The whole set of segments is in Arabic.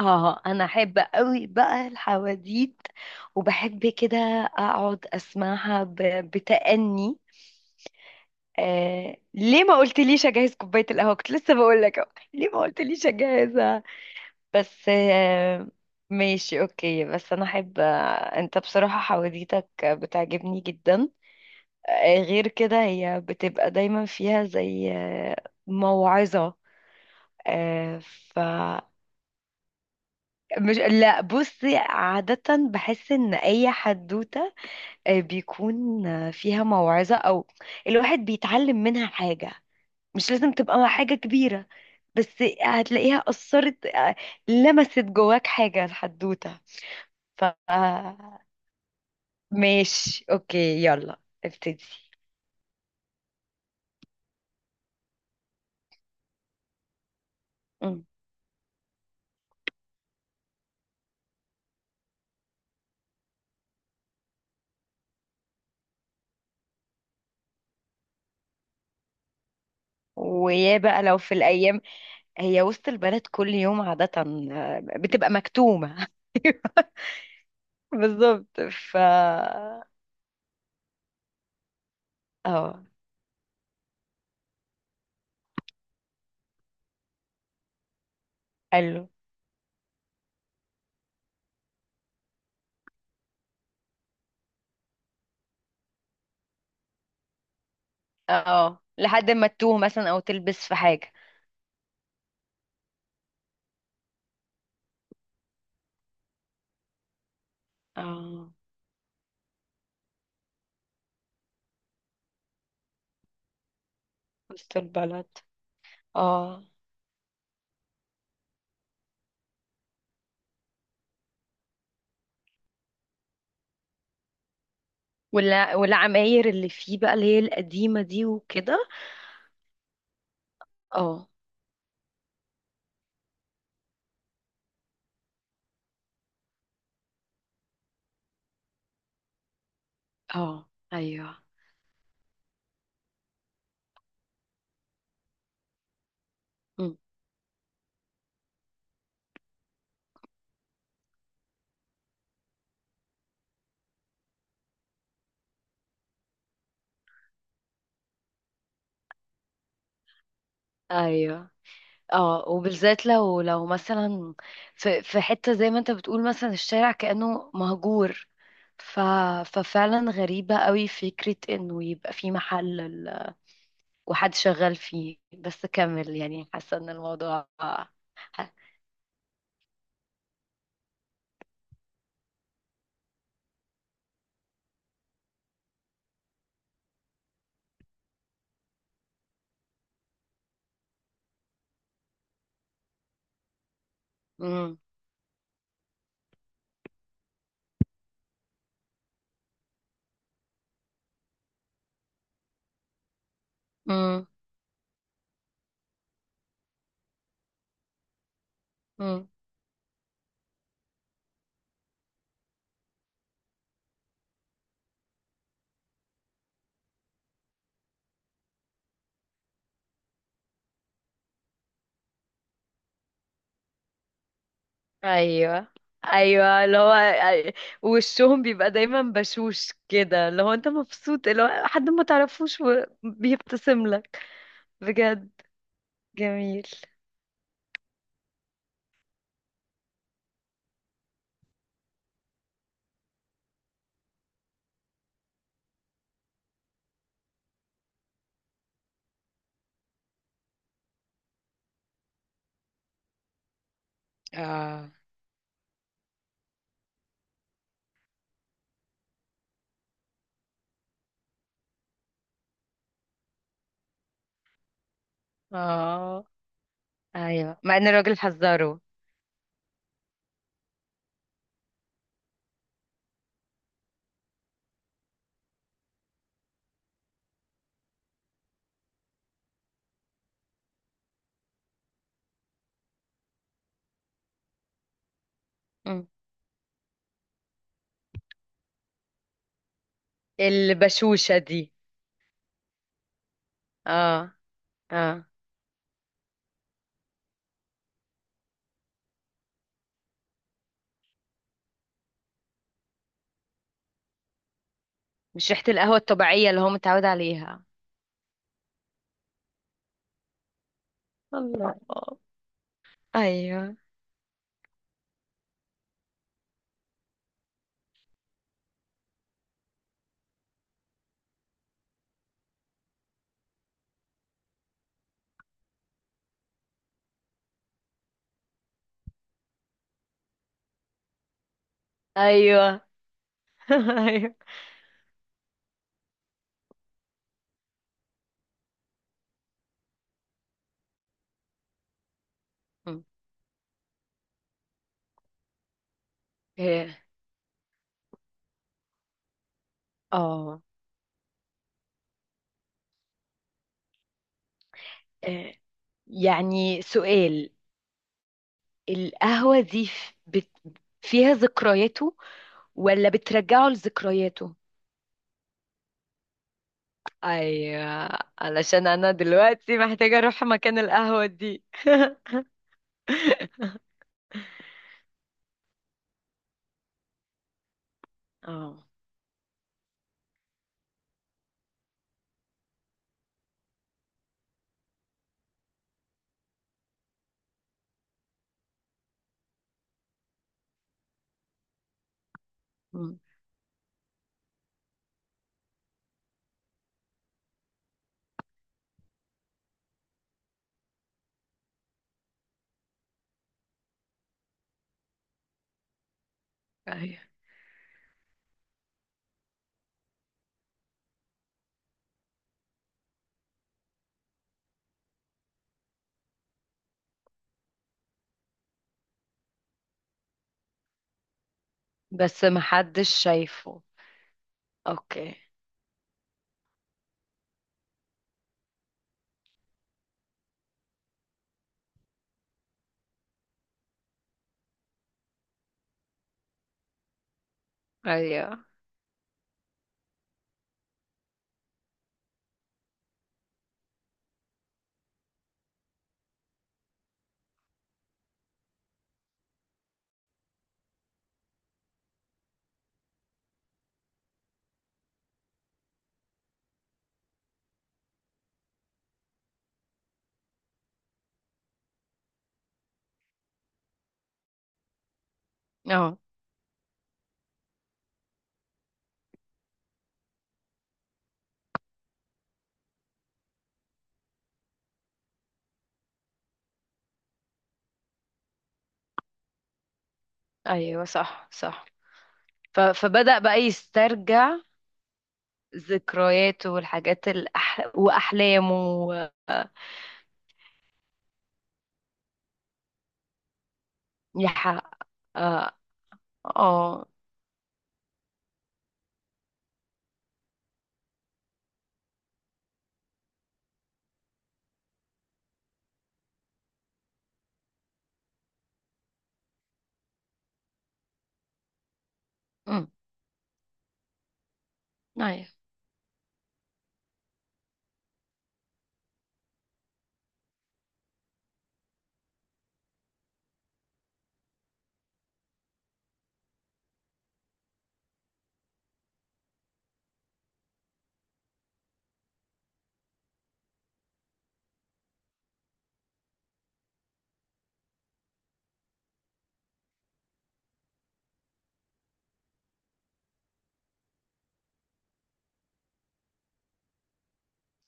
اه، انا احب قوي بقى الحواديت، وبحب كده اقعد اسمعها بتأني. ليه ما قلتليش اجهز كوباية القهوة؟ كنت لسه بقول لك أهو. ليه ما قلتليش اجهزها؟ بس آه... ماشي اوكي، بس انا احب، انت بصراحة حواديتك بتعجبني جدا. غير كده هي بتبقى دايما فيها زي موعظة. آه... مش، لا بصي عادة، بحس ان اي حدوتة بيكون فيها موعظة، او الواحد بيتعلم منها حاجة. مش لازم تبقى حاجة كبيرة، بس هتلاقيها أثرت، لمست جواك حاجة الحدوتة. ف ماشي اوكي، يلا ابتدي. مم. ويا بقى لو في الأيام، هي وسط البلد كل يوم عادة بتبقى مكتومة. بالظبط. اه، حلو. اه، لحد ما تتوه مثلا او تلبس في حاجة. اه، وسط البلد. اه، ولا والعماير اللي فيه بقى اللي هي القديمة دي وكده. اه، اه، ايوه. مم. ايوه. اه، وبالذات لو مثلا في حته زي ما انت بتقول، مثلا الشارع كأنه مهجور. ف ففعلا غريبه قوي فكره انه يبقى في محل وحد شغال فيه، بس كمل، يعني حاسه ان الموضوع. ح- مم. امم. امم. ايوه، ايوه اللي هو، أي- وشهم بيبقى دايما بشوش كده، اللي هو انت مبسوط، اللي هو حد ما تعرفوش وبيبتسم لك. بجد جميل. اه. اه، ايوه مع ان الراجل حذره. مم. البشوشة دي. اه. اه، مش ريحة القهوة الطبيعية اللي هو متعود عليها. الله. ايوه. ايوه. ايوه. مم. إيه. اه. إيه. يعني سؤال، القهوة دي فيها ذكرياته، ولا بترجعه لذكرياته؟ ايوه، علشان انا دلوقتي محتاجة اروح مكان القهوة دي. اه. مم. ايوه، بس محدش شايفه. اوكي. ايوه. اه. ايوه، صح صح. فبدأ بقى يسترجع ذكرياته والحاجات واحلامه. يحقق. اه. آه. مم. ايوه،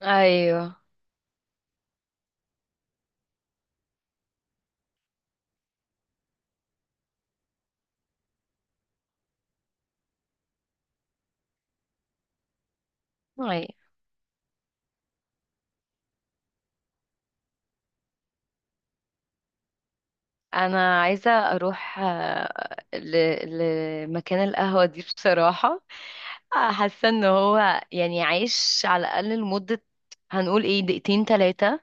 ايوه، ايوه. انا عايزه اروح، لمكان القهوه دي بصراحه. حاسه ان هو يعني عايش على الاقل لمده، هنقول ايه، دقيقتين ثلاثه،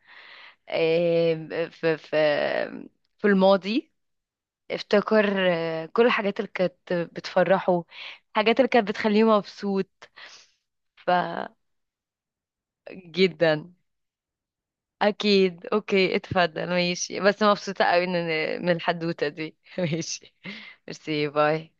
في في الماضي. افتكر كل الحاجات اللي كانت بتفرحه، الحاجات اللي كانت بتخليه مبسوط. ف جدا. اكيد، اوكي، اتفضل، ماشي، بس مبسوطه قوي من الحدوته دي. ماشي. ميرسي، باي.